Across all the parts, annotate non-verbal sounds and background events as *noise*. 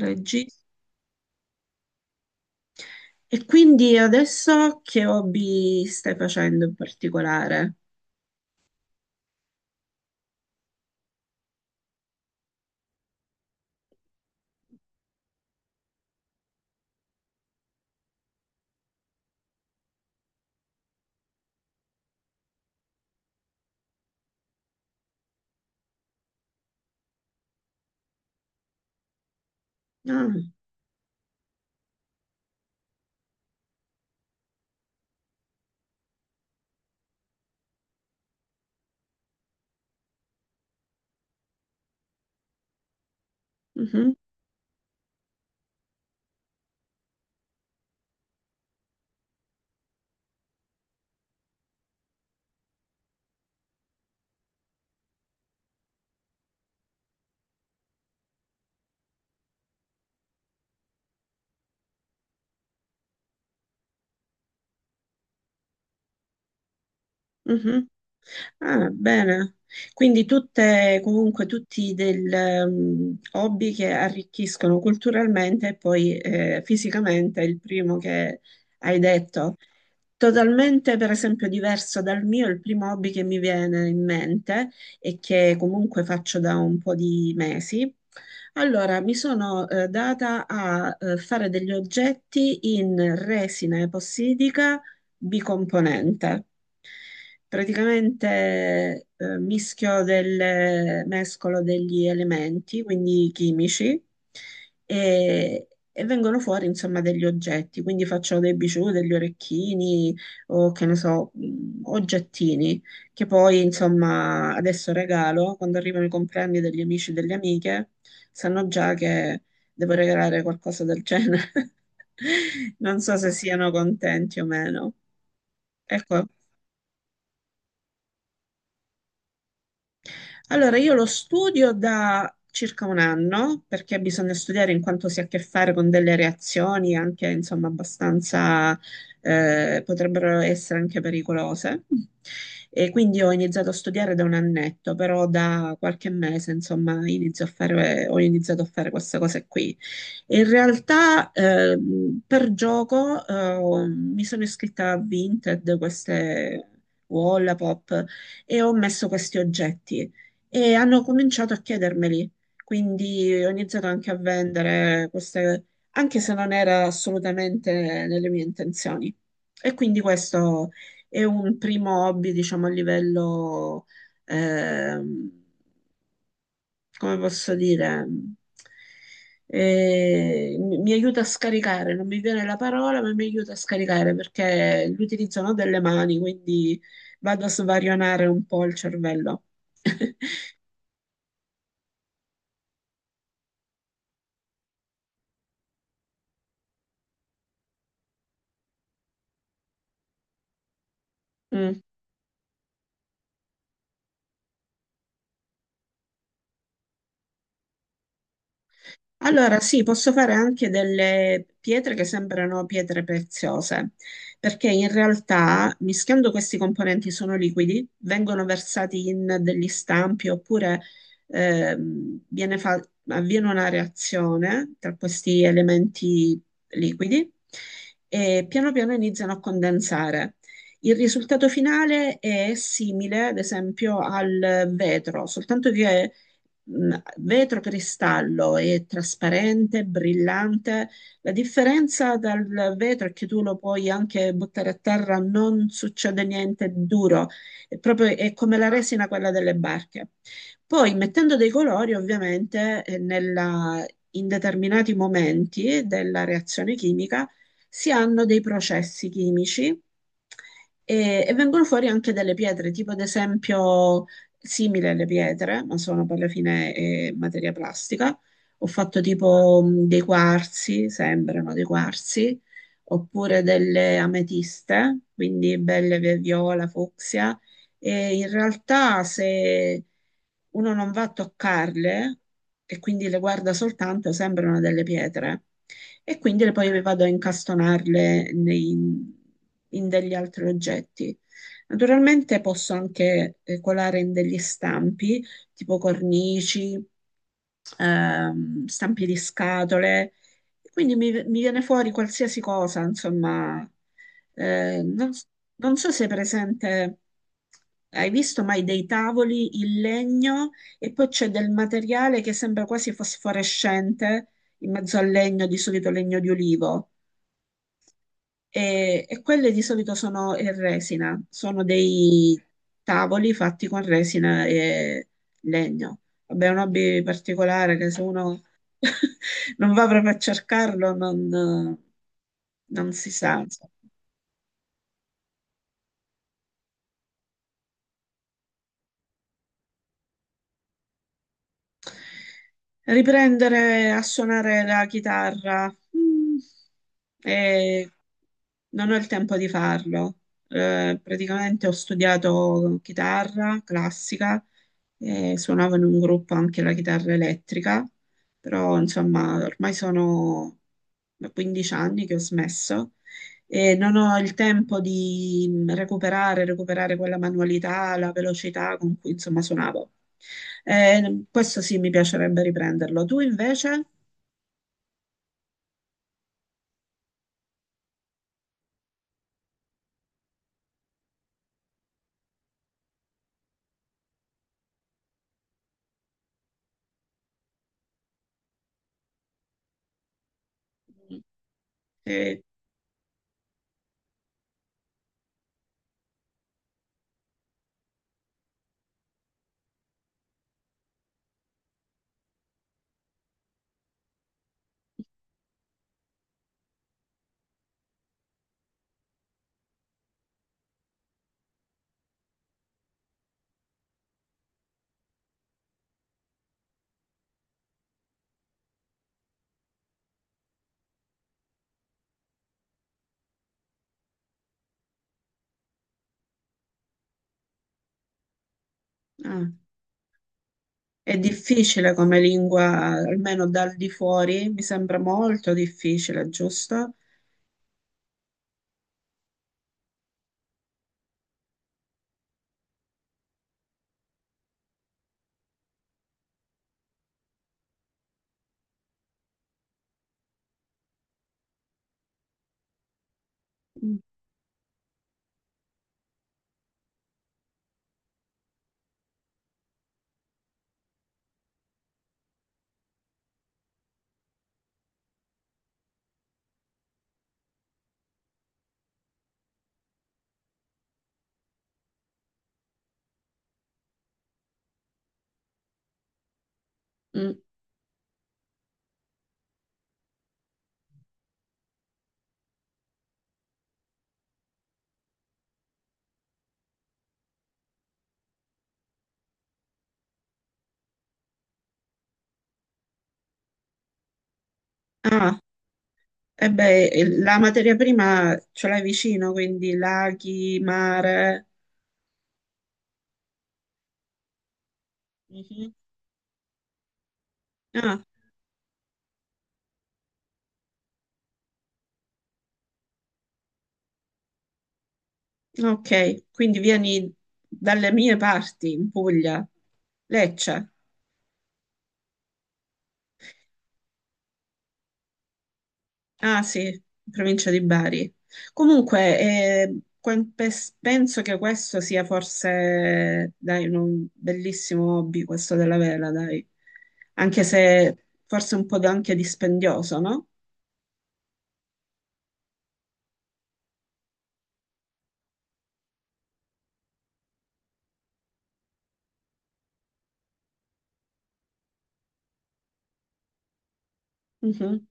Regista. E quindi adesso che hobby stai facendo in particolare? Ah, mhm, mhm. Ah, bene. Quindi tutte, comunque tutti del, hobby che arricchiscono culturalmente e poi fisicamente, il primo che hai detto. Totalmente, per esempio, diverso dal mio, il primo hobby che mi viene in mente e che comunque faccio da un po' di mesi. Allora, mi sono data a fare degli oggetti in resina epossidica bicomponente. Praticamente mischio del mescolo degli elementi, quindi chimici, e, e vengono fuori insomma degli oggetti, quindi faccio dei bijou, degli orecchini o che ne so, oggettini che poi insomma adesso regalo quando arrivano i compleanni degli amici e delle amiche, sanno già che devo regalare qualcosa del genere. *laughs* Non so se siano contenti o meno. Ecco. Allora, io lo studio da circa un anno perché bisogna studiare in quanto si ha a che fare con delle reazioni anche, insomma, abbastanza potrebbero essere anche pericolose. E quindi ho iniziato a studiare da un annetto, però da qualche mese, insomma, ho iniziato a fare queste cose qui. E in realtà, per gioco, mi sono iscritta a Vinted, queste Wallapop, e ho messo questi oggetti e hanno cominciato a chiedermeli. Quindi ho iniziato anche a vendere queste, anche se non era assolutamente nelle mie intenzioni. E quindi questo è un primo hobby, diciamo, a livello, ehm, come posso dire, mi aiuta a scaricare, non mi viene la parola, ma mi aiuta a scaricare perché l'utilizzo no, delle mani, quindi vado a svarionare un po' il cervello. *laughs* Mm. Allora, sì, posso fare anche delle pietre che sembrano pietre preziose, perché in realtà mischiando questi componenti sono liquidi, vengono versati in degli stampi oppure ehm, viene fa- avviene una reazione tra questi elementi liquidi e piano piano iniziano a condensare. Il risultato finale è simile, ad esempio, al vetro, soltanto che vetro cristallo è trasparente, brillante. La differenza dal vetro è che tu lo puoi anche buttare a terra, non succede niente di duro, è come la resina quella delle barche. Poi mettendo dei colori, ovviamente, in determinati momenti della reazione chimica si hanno dei processi chimici e vengono fuori anche delle pietre, tipo ad esempio simile alle pietre, ma sono per la fine materia plastica. Ho fatto tipo dei quarzi, sembrano dei quarzi, oppure delle ametiste, quindi belle viola, fucsia. E in realtà se uno non va a toccarle e quindi le guarda soltanto, sembrano delle pietre. E quindi poi le vado a incastonarle in degli altri oggetti. Naturalmente posso anche colare in degli stampi, tipo cornici, stampi di scatole, quindi mi viene fuori qualsiasi cosa, insomma. Eh, non, s- non so se è presente, hai visto mai dei tavoli in legno e poi c'è del materiale che sembra quasi fosforescente in mezzo al legno, di solito legno di olivo. E quelle di solito sono in resina, sono dei tavoli fatti con resina e legno. Vabbè, è un hobby particolare che se uno *laughs* non va proprio a cercarlo non si sa. Riprendere a suonare la chitarra. Mm, eh, Non ho il tempo di farlo. Praticamente ho studiato chitarra classica e suonavo in un gruppo anche la chitarra elettrica, però insomma ormai sono da 15 anni che ho smesso e non ho il tempo di recuperare, quella manualità, la velocità con cui insomma suonavo. Questo sì, mi piacerebbe riprenderlo. Tu invece? Eh, ah, è difficile come lingua, almeno dal di fuori, mi sembra molto difficile, giusto? Mm, mm. Ah, e beh, la materia prima ce l'hai vicino, quindi laghi, mare. Mhm. Ah, ok, quindi vieni dalle mie parti, in Puglia, Lecce. Ah sì, provincia di Bari. Comunque, penso che questo sia forse, dai, un bellissimo hobby, questo della vela, dai. Anche se forse un po' anche dispendioso, no? Mhm.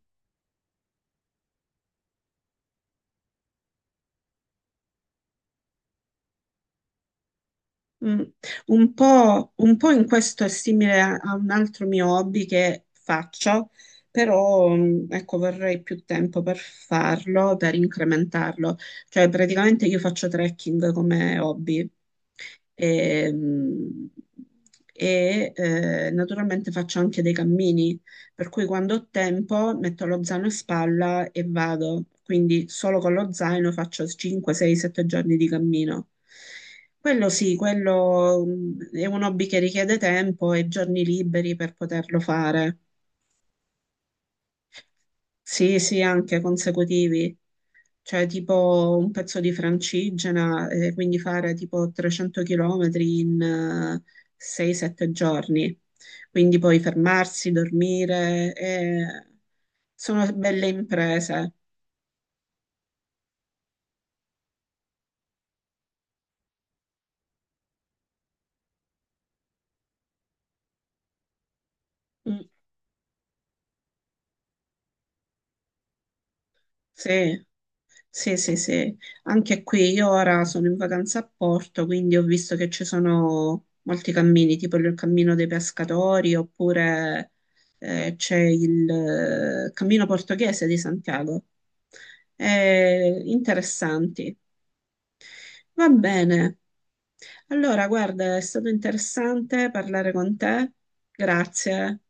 Mm. Un po', in questo è simile a un altro mio hobby che faccio, però, ecco, vorrei più tempo per farlo, per incrementarlo. Cioè, praticamente io faccio trekking come hobby. E, mm, Naturalmente faccio anche dei cammini, per cui quando ho tempo metto lo zaino in spalla e vado, quindi solo con lo zaino faccio 5, 6, 7 giorni di cammino. Quello sì, quello è un hobby che richiede tempo e giorni liberi per poterlo fare. Sì, sì, anche consecutivi cioè tipo un pezzo di Francigena, quindi fare tipo 300 km in 6-7 giorni. Quindi poi fermarsi, dormire, sono belle imprese. Mm, sì. Sì, sì, sì, anche qui io ora sono in vacanza a Porto, quindi ho visto che ci sono molti cammini, tipo il cammino dei pescatori, oppure c'è il cammino portoghese di Santiago. Interessanti. Va bene. Allora, guarda, è stato interessante parlare con te. Grazie.